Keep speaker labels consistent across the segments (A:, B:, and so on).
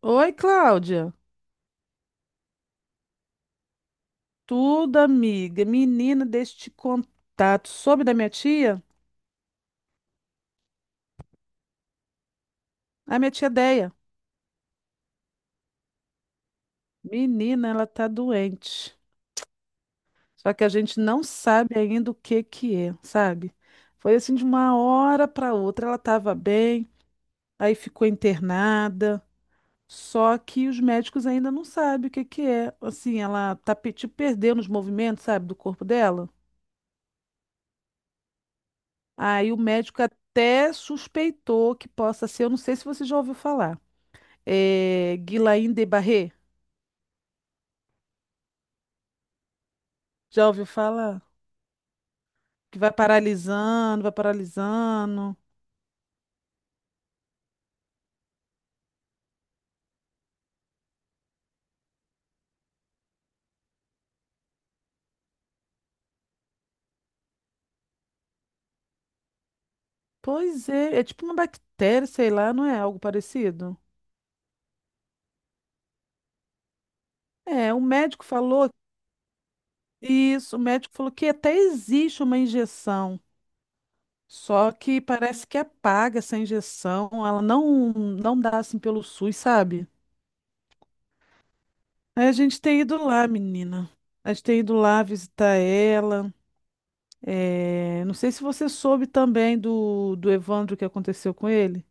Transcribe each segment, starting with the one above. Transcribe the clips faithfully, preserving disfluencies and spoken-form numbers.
A: Oi, Cláudia. Tudo, amiga. Menina, deixa eu te contar. Tu soube da minha tia? A minha tia Deia. Menina, ela tá doente. Só que a gente não sabe ainda o que que é, sabe? Foi assim de uma hora para outra. Ela tava bem, aí ficou internada. Só que os médicos ainda não sabem o que que é. Assim, ela tá pe- tipo, perdendo os movimentos, sabe, do corpo dela. Aí o médico até suspeitou que possa ser. Eu não sei se você já ouviu falar. é, Guillain de Barré. Já ouviu falar? Que vai paralisando, vai paralisando. Pois é, é tipo uma bactéria, sei lá, não é algo parecido? É, o médico falou isso, o médico falou que até existe uma injeção, só que parece que apaga essa injeção, ela não não dá assim pelo SUS, sabe? Aí a gente tem ido lá, menina. A gente tem ido lá visitar ela. É, não sei se você soube também do, do Evandro que aconteceu com ele.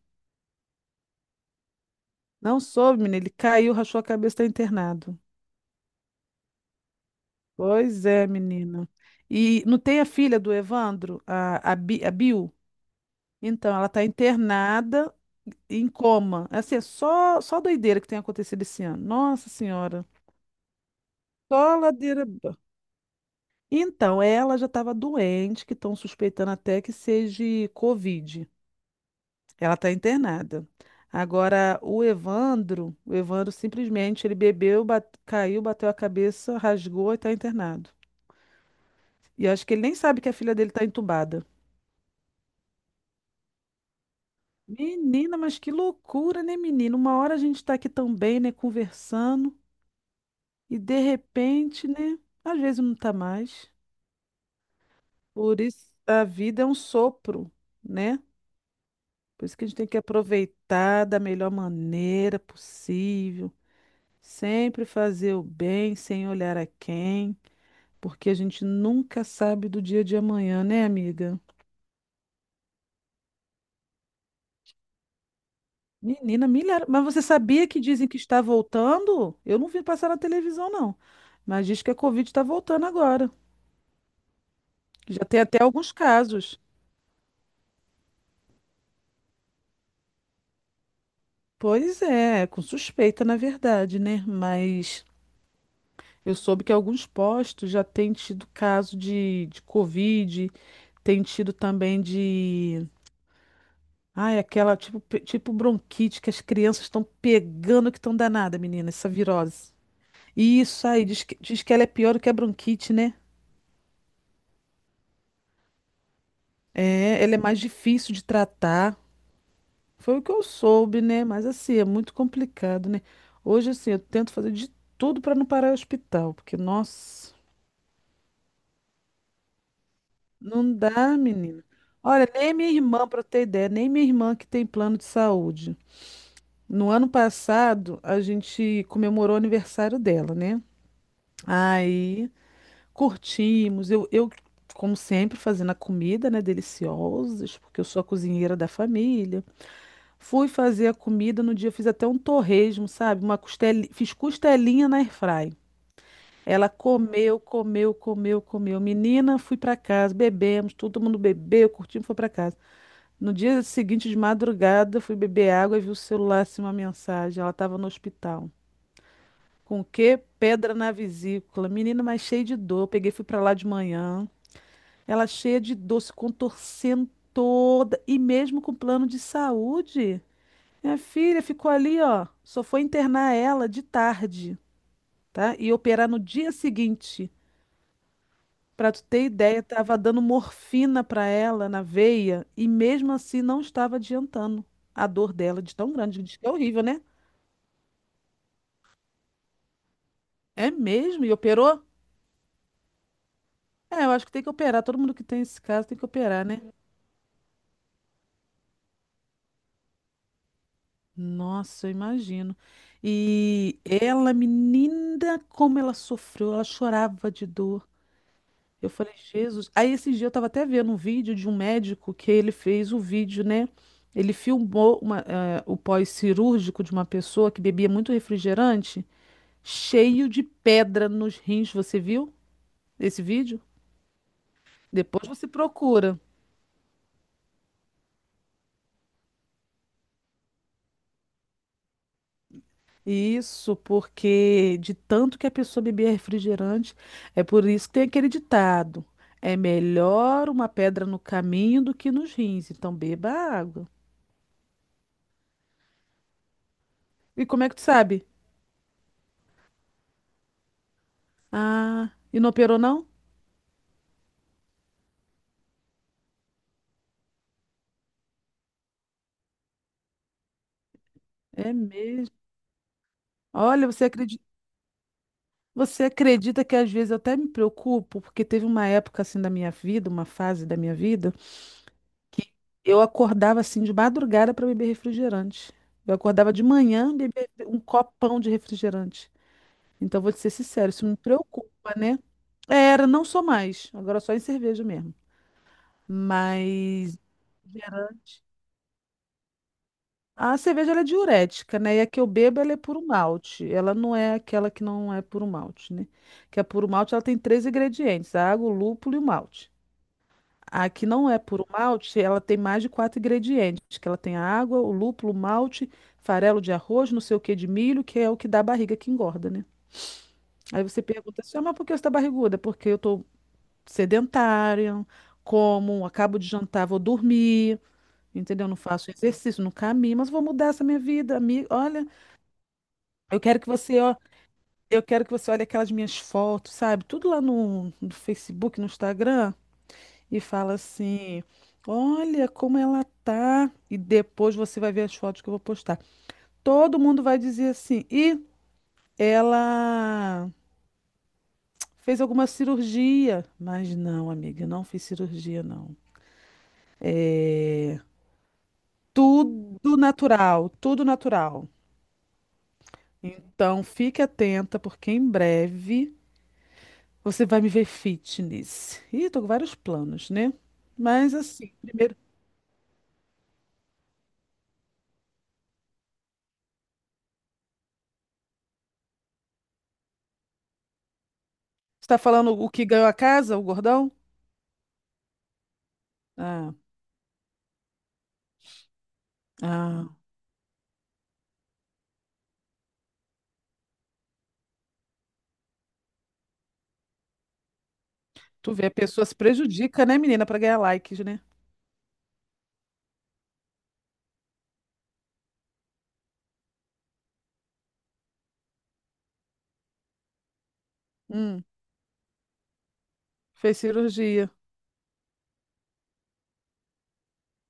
A: Não soube, menina. Ele caiu, rachou a cabeça, está internado. Pois é, menina. E não tem a filha do Evandro, a, a, Bi- a Bill? Então, ela está internada em coma. É, assim, é só, só doideira que tem acontecido esse ano. Nossa Senhora. Só ladeira. aba- Então, ela já estava doente, que estão suspeitando até que seja Covid. Ela está internada. Agora, o Evandro, o Evandro simplesmente, ele bebeu, bate- caiu, bateu a cabeça, rasgou e está internado. E acho que ele nem sabe que a filha dele tá entubada. Menina, mas que loucura, né, menina? Uma hora a gente tá aqui também, né, conversando, e de repente, né, às vezes não tá mais. Por isso a vida é um sopro, né? Por isso que a gente tem que aproveitar da melhor maneira possível, sempre fazer o bem sem olhar a quem, porque a gente nunca sabe do dia de amanhã, né, amiga? Menina, milhares. Mas você sabia que dizem que está voltando? Eu não vi passar na televisão, não. Mas diz que a Covid está voltando agora. Já tem até alguns casos. Pois é, com suspeita, na verdade, né? Mas eu soube que alguns postos já têm tido caso de, de Covid, tem tido também de. Ai, aquela tipo, pe- tipo bronquite que as crianças estão pegando que estão danada, menina, essa virose. E isso aí, diz que, diz que ela é pior do que a bronquite, né? É, ela é mais difícil de tratar. Foi o que eu soube, né? Mas assim, é muito complicado, né? Hoje, assim, eu tento fazer de tudo para não parar no hospital, porque, nossa, não dá, menina. Olha, nem minha irmã, para ter ideia, nem minha irmã que tem plano de saúde. No ano passado, a gente comemorou o aniversário dela, né? Aí curtimos. Eu, eu, como sempre, fazendo a comida, né? Deliciosos, porque eu sou a cozinheira da família. Fui fazer a comida no dia, fiz até um torresmo, sabe? Uma costeli... Fiz costelinha na airfry. Ela comeu, comeu, comeu, comeu. Menina, fui para casa, bebemos, todo mundo bebeu, curtimos, foi para casa. No dia seguinte, de madrugada, fui beber água e vi o celular, assim, uma mensagem. Ela estava no hospital. Com o quê? Pedra na vesícula. Menina, mas cheia de dor. Peguei, fui para lá de manhã. Ela cheia de dor, se contorcendo toda. E mesmo com plano de saúde. Minha filha ficou ali, ó. Só foi internar ela de tarde, tá? E operar no dia seguinte. Pra tu ter ideia, tava dando morfina pra ela na veia e mesmo assim não estava adiantando a dor dela de tão grande. Diz que é horrível, né? É mesmo? E operou? É, eu acho que tem que operar. Todo mundo que tem esse caso tem que operar, né? Nossa, eu imagino. E ela, menina, como ela sofreu, ela chorava de dor. Eu falei, Jesus. Aí esse dia eu tava até vendo um vídeo de um médico que ele fez o vídeo, né? Ele filmou uma, eh, o pós-cirúrgico de uma pessoa que bebia muito refrigerante, cheio de pedra nos rins. Você viu esse vídeo? Depois você procura. Isso, porque de tanto que a pessoa bebia refrigerante, é por isso que tem aquele ditado: é melhor uma pedra no caminho do que nos rins. Então beba água. E como é que tu sabe? Ah, e não operou não? É mesmo. Olha, você acredita, você acredita que às vezes eu até me preocupo, porque teve uma época assim da minha vida, uma fase da minha vida, eu acordava assim de madrugada para beber refrigerante. Eu acordava de manhã beber um copão de refrigerante. Então, vou te ser sincero, isso me preocupa, né? É, era, não sou mais. Agora só em cerveja mesmo. Mas refrigerante. A cerveja ela é diurética, né? E a que eu bebo ela é puro malte. Ela não é aquela que não é puro malte, né? Que a puro malte ela tem três ingredientes: a água, o lúpulo e o malte. A que não é puro malte, ela tem mais de quatro ingredientes, que ela tem a água, o lúpulo, o malte, farelo de arroz, não sei o que de milho, que é o que dá a barriga que engorda, né? Aí você pergunta assim, ah, mas por que você tá barriguda? Porque eu tô sedentária, como, acabo de jantar, vou dormir, entendeu? Não faço exercício, não caminho, mas vou mudar essa minha vida, amiga. Olha, Eu quero que você, ó, eu quero que você olhe aquelas minhas fotos, sabe? Tudo lá no, no Facebook, no Instagram, e fala assim: "Olha como ela tá". E depois você vai ver as fotos que eu vou postar. Todo mundo vai dizer assim: "E ela fez alguma cirurgia?". Mas não, amiga, não fiz cirurgia não. É tudo natural, tudo natural. Então fique atenta porque em breve você vai me ver fitness. Ih, tô com vários planos, né? Mas assim, primeiro, você tá falando o que ganhou a casa, o gordão? Ah, ah. Tu vê, a pessoa se prejudica, né, menina, pra ganhar likes, né? Hum, Fez cirurgia.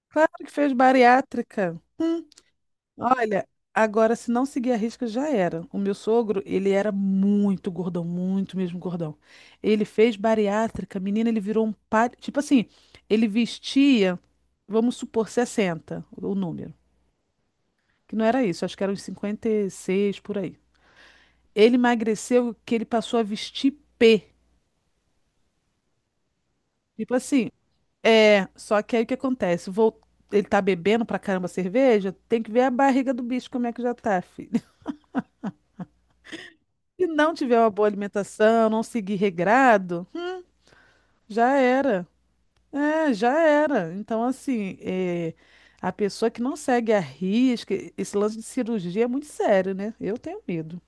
A: Claro que fez bariátrica. Hum, Olha, agora se não seguir a risca já era. O meu sogro, ele era muito gordão, muito mesmo gordão. Ele fez bariátrica, menina, ele virou um par, tipo assim, ele vestia, vamos supor sessenta, o número, que não era isso, acho que era uns cinquenta e seis por aí. Ele emagreceu que ele passou a vestir pê. Tipo assim, é, só que aí o que acontece? Vou, ele tá bebendo pra caramba cerveja, tem que ver a barriga do bicho como é que já tá, filho. Se não tiver uma boa alimentação, não seguir regrado, já era. É, já era. Então, assim, é, a pessoa que não segue a risca, esse lance de cirurgia é muito sério, né? Eu tenho medo.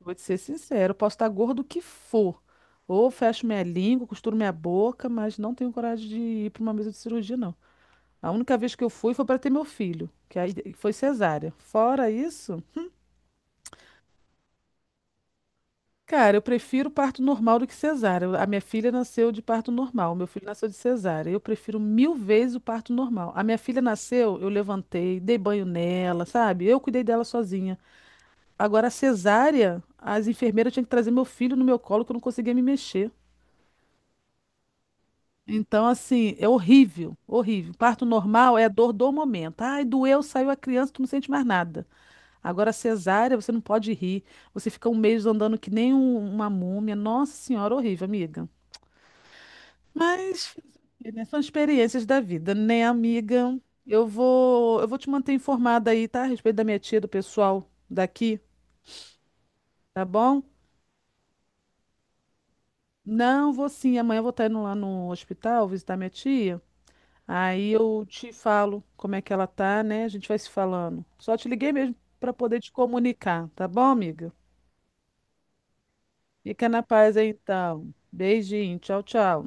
A: Vou te ser sincero, eu posso estar gordo o que for. Ou fecho minha língua, costuro minha boca, mas não tenho coragem de ir para uma mesa de cirurgia, não. A única vez que eu fui foi para ter meu filho, que aí foi cesárea. Fora isso, cara, eu prefiro parto normal do que cesárea. A minha filha nasceu de parto normal, meu filho nasceu de cesárea. Eu prefiro mil vezes o parto normal. A minha filha nasceu, eu levantei, dei banho nela, sabe? Eu cuidei dela sozinha. Agora, a cesárea, as enfermeiras tinham que trazer meu filho no meu colo, que eu não conseguia me mexer. Então, assim, é horrível, horrível. Parto normal é a dor do momento. Ai, doeu, saiu a criança, tu não sente mais nada. Agora, cesárea, você não pode rir. Você fica um mês andando que nem um- uma múmia. Nossa Senhora, horrível, amiga. Mas, fazer o quê, né? São experiências da vida, né, amiga? Eu vou, eu vou te manter informada aí, tá? A respeito da minha tia, do pessoal daqui, tá bom? Não, vou sim. Amanhã eu vou estar indo lá no hospital visitar minha tia. Aí eu te falo como é que ela tá, né? A gente vai se falando. Só te liguei mesmo para poder te comunicar, tá bom, amiga? Fica na paz aí, então. Beijinho, tchau, tchau.